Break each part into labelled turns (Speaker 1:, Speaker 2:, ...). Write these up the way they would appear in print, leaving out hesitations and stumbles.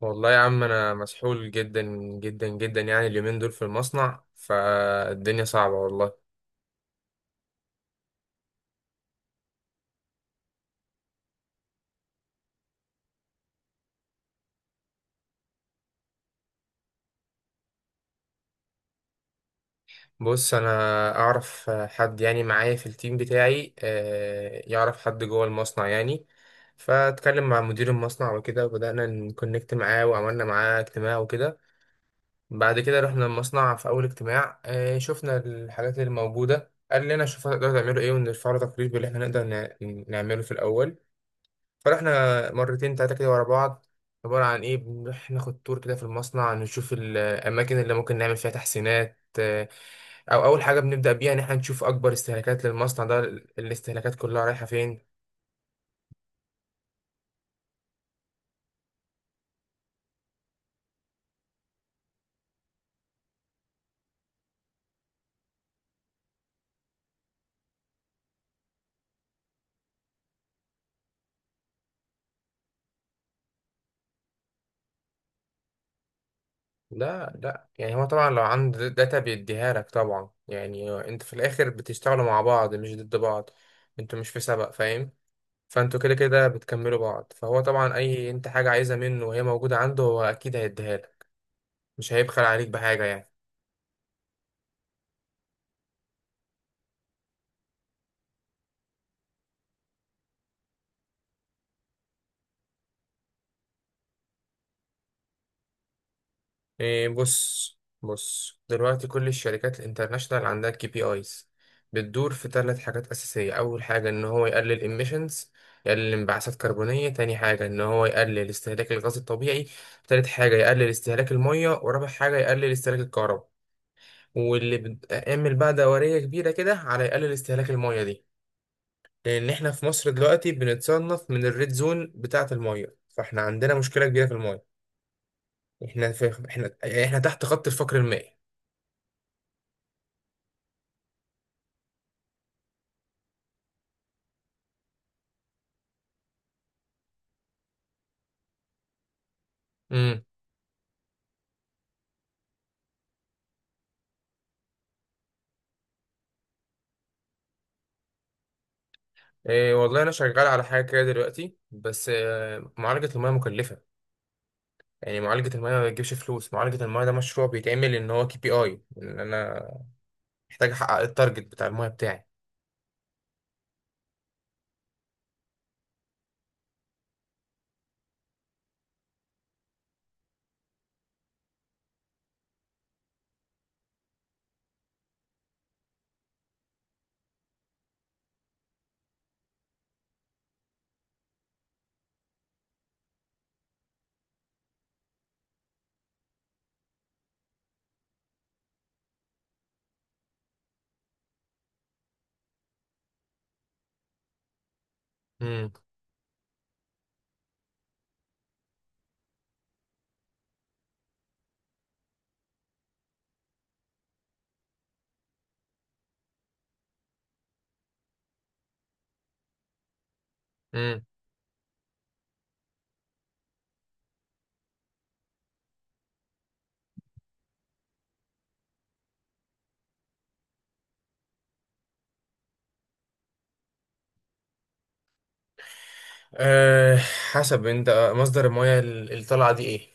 Speaker 1: والله يا عم، انا مسحول جدا جدا جدا. يعني اليومين دول في المصنع، فالدنيا صعبة والله. بص، انا اعرف حد، يعني معايا في التيم بتاعي، يعرف حد جوه المصنع يعني. فاتكلم مع مدير المصنع وكده، وبدأنا نكونكت معاه، وعملنا معاه اجتماع وكده. بعد كده رحنا المصنع في اول اجتماع، شفنا الحاجات اللي موجودة. قال لنا شوفوا هتقدروا تعملوا ايه، ونرفع له تقرير باللي احنا نقدر نعمله في الاول. فرحنا مرتين تلاتة كده ورا بعض. عبارة عن إيه؟ بنروح ناخد تور كده في المصنع، نشوف الأماكن اللي ممكن نعمل فيها تحسينات، أو أول حاجة بنبدأ بيها إن إحنا نشوف أكبر استهلاكات للمصنع ده. الاستهلاكات كلها رايحة فين؟ لا لا، يعني هو طبعا لو عنده داتا بيديها لك طبعا. يعني أنت في الآخر بتشتغلوا مع بعض مش ضد بعض، أنتوا مش في سبق، فاهم؟ فأنتوا كده كده بتكملوا بعض، فهو طبعا أي أنت حاجة عايزها منه وهي موجودة عنده هو أكيد هيديها لك. مش هيبخل عليك بحاجة يعني. إيه، بص بص دلوقتي كل الشركات الانترناشنال عندها كي بي ايز. بتدور في ثلاث حاجات أساسية. أول حاجة إن هو يقلل emissions، يقلل انبعاثات كربونية. تاني حاجة إن هو يقلل استهلاك الغاز الطبيعي. تالت حاجة يقلل استهلاك المية، ورابع حاجة يقلل استهلاك الكهرباء. واللي بتعمل بقى دورية كبيرة كده على يقلل استهلاك المية دي، لأن إحنا في مصر دلوقتي بنتصنف من الريد زون بتاعة المية، فإحنا عندنا مشكلة كبيرة في المية. إحنا يعني إحنا تحت خط الفقر المائي. إيه، والله انا شغال على حاجه كده دلوقتي بس، معالجه المياه مكلفه. يعني معالجه المياه ما بتجيبش فلوس. معالجه المياه ده مشروع بيتعمل ان هو كي بي اي، ان انا محتاج احقق التارجت بتاع المياه بتاعي. امم. امم. أه، حسب انت مصدر المياه اللي طالعه دي ايه.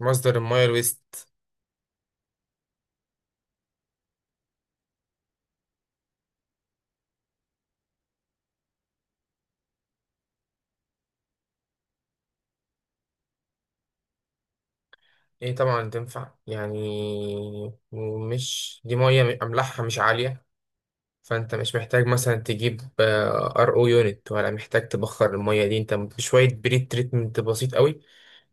Speaker 1: مصدر المياه الويست. ايه طبعا تنفع يعني. مش دي مياه املاحها مش عاليه؟ فانت مش محتاج مثلا تجيب ار او يونت، ولا محتاج تبخر المية دي. انت بشوية بريد تريتمنت بسيط قوي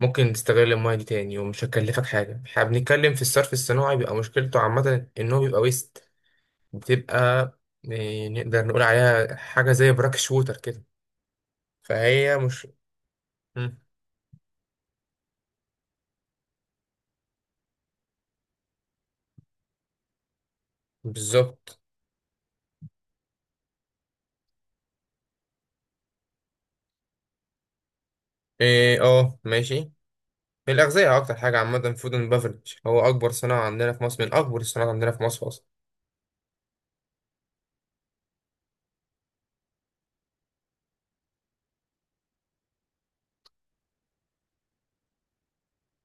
Speaker 1: ممكن تستغل المية دي تاني، ومش هتكلفك حاجة. احنا بنتكلم في الصرف الصناعي، بيبقى مشكلته عامة ان هو بيبقى ويست. بتبقى، نقدر نقول عليها حاجة زي براك شوتر كده. فهي مش. مم. بالظبط. ايه، اه، ماشي. الأغذية أكتر حاجة عامة. فود اند بافرج هو أكبر صناعة عندنا في مصر، من أكبر الصناعات عندنا في مصر أصلا.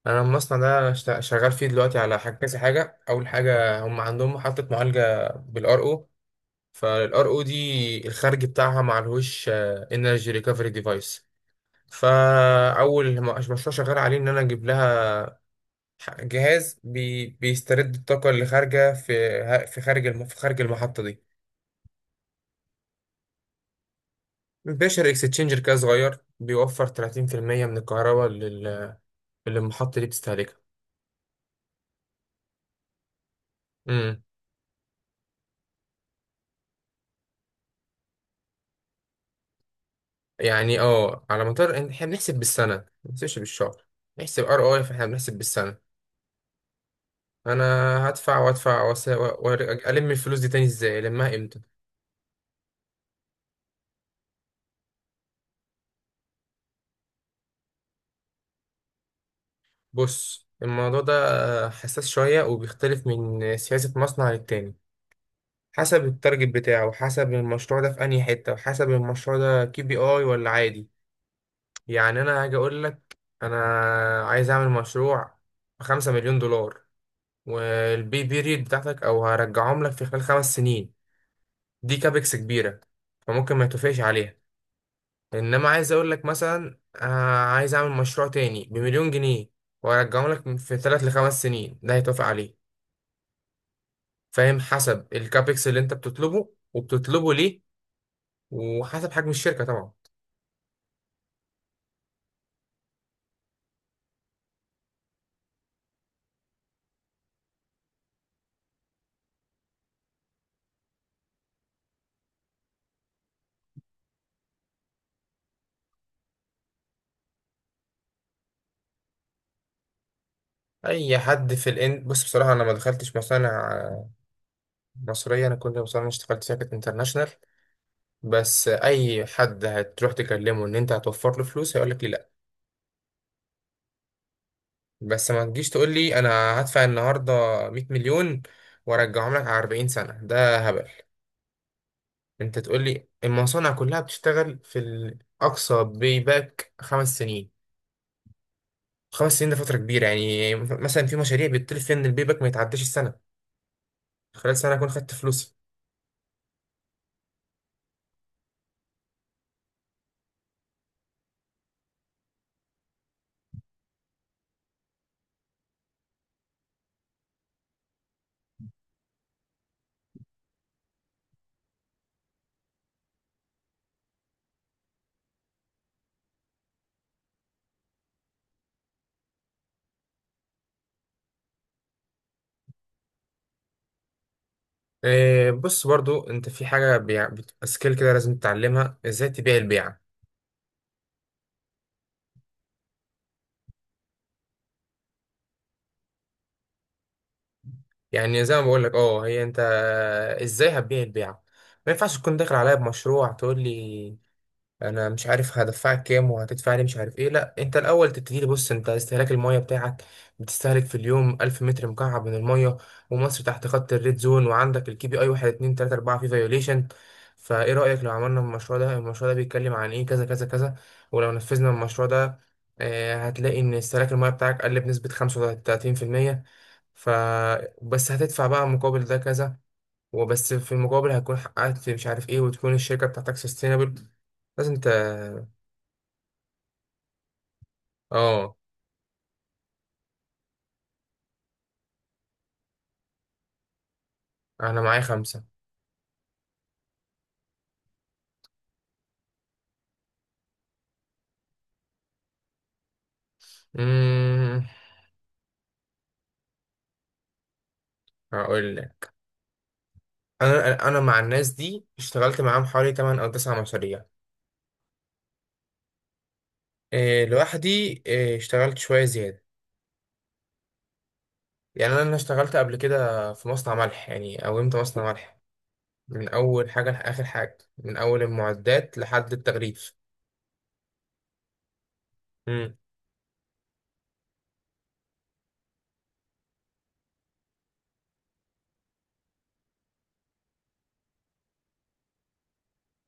Speaker 1: انا المصنع ده شغال فيه دلوقتي على حاجه كذا حاجه. اول حاجه هم عندهم محطه معالجه بالار او. فالار او دي الخارج بتاعها معلهوش انرجي ريكفري ديفايس. فاول مشروع شغال عليه ان انا اجيب لها جهاز بي بيسترد الطاقه اللي خارجه في خارج المحطه دي. بيشر اكستشينجر كده صغير، بيوفر 30% من الكهرباء اللي المحطه دي بتستهلكها. امم. يعني اه، على مدار احنا بنحسب بالسنة، ما بنحسبش بالشهر. نحسب ار اي. فاحنا بنحسب بالسنة. انا هدفع وادفع وأس- و- وأرجع- الم الفلوس دي تاني ازاي؟ المها امتى؟ بص، الموضوع ده حساس شوية، وبيختلف من سياسة مصنع للتاني. حسب التارجت بتاعه، وحسب المشروع ده في انهي حتة، وحسب المشروع ده كي بي اي ولا عادي. يعني انا هاجي اقول لك، انا عايز اعمل مشروع بـ5 مليون دولار، والبي بيريد بتاعتك او هرجعهم لك في خلال 5 سنين. دي كابكس كبيرة، فممكن ما يتوافقش عليها. انما عايز اقول لك مثلا، عايز اعمل مشروع تاني بمليون جنيه، وارجعه لك في 3 لـ 5 سنين، ده هيتوافق عليه. فاهم؟ حسب الكابكس اللي انت بتطلبه، وبتطلبه ليه، وحسب حجم الشركة طبعا. اي حد في الان، بص، بصراحة انا ما دخلتش مصانع مصرية. انا كل مصانع اللي اشتغلت فيها كانت انترناشونال. بس اي حد هتروح تكلمه ان انت هتوفر له فلوس هيقول لك. بس ما تجيش تقول لي انا هدفع النهارده 100 مليون وارجعهم لك على 40 سنه، ده هبل. انت تقول لي المصانع كلها بتشتغل في الاقصى باك 5 سنين. 5 سنين ده فتره كبيره، يعني مثلا في مشاريع بيطلب فيها ان البيباك ما يتعداش السنه. خلال سنه اكون خدت فلوسي. بص برضو، انت في حاجه بتبقى سكيل كده لازم تتعلمها، ازاي تبيع البيعه. يعني زي ما بقول لك اه، هي انت ازاي هتبيع البيعه. ما ينفعش تكون داخل عليا بمشروع تقول لي انا مش عارف هدفعك كام وهتدفع لي مش عارف ايه. لا، انت الاول تبتدي تبص انت استهلاك الميه بتاعك. بتستهلك في اليوم 1000 متر مكعب من الميه، ومصر تحت خط الريد زون، وعندك الكي بي اي 1، 2، 3، 4 في فيوليشن. فايه رايك لو عملنا المشروع ده؟ المشروع ده بيتكلم عن ايه؟ كذا كذا كذا. ولو نفذنا المشروع ده، هتلاقي ان استهلاك الميه بتاعك قل بنسبه 35%. ف بس هتدفع بقى مقابل ده كذا. وبس، في المقابل هتكون حققت مش عارف ايه، وتكون الشركة بتاعتك سستينابل. لازم انت. اه، انا معايا خمسة. امم. هقول لك، انا مع الناس دي اشتغلت معاهم حوالي 8 او 9 مشاريع. إيه، لوحدي، إيه، اشتغلت شوية زيادة. يعني انا اشتغلت قبل كده في مصنع ملح، يعني قومت مصنع ملح من اول حاجة لاخر حاجة، من اول المعدات لحد التغليف.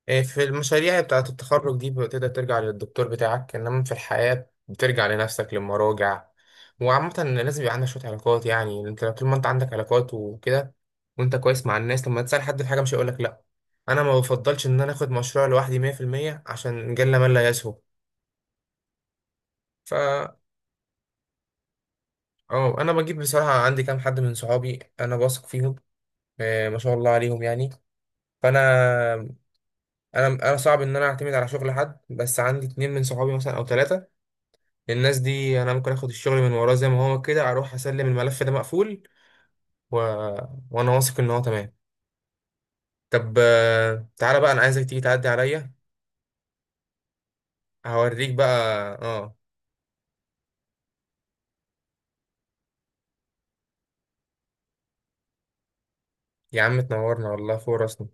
Speaker 1: إيه، في المشاريع بتاعة التخرج دي بتقدر ترجع للدكتور بتاعك، إنما في الحياة بترجع لنفسك، للمراجع. وعامة لازم يبقى عندك شوية علاقات. يعني أنت طول ما أنت عندك علاقات وكده، وأنت كويس مع الناس، لما تسأل حد في حاجة مش هيقولك لأ. أنا ما بفضلش إن أنا آخد مشروع لوحدي 100%، عشان جل من لا يسهو. فا أه، أنا بجيب، بصراحة عندي كام حد من صحابي أنا واثق فيهم، ما شاء الله عليهم يعني. فأنا أنا أنا صعب إن أنا أعتمد على شغل حد، بس عندي اتنين من صحابي مثلا أو تلاتة. الناس دي انا ممكن اخد الشغل من وراه، زي ما هو كده اروح اسلم الملف ده مقفول، و... وانا واثق ان هو تمام. طب، تعالى بقى، انا عايزك تيجي تعدي عليا. هوريك بقى. اه، يا عم تنورنا والله، فوق راسنا.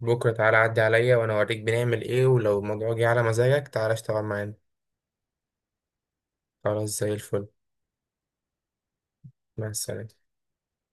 Speaker 1: بكره تعالى عدي عليا، وانا اوريك بنعمل ايه، ولو الموضوع جه على مزاجك تعالى اشتغل معانا. خلاص، زي الفل. مع السلامه.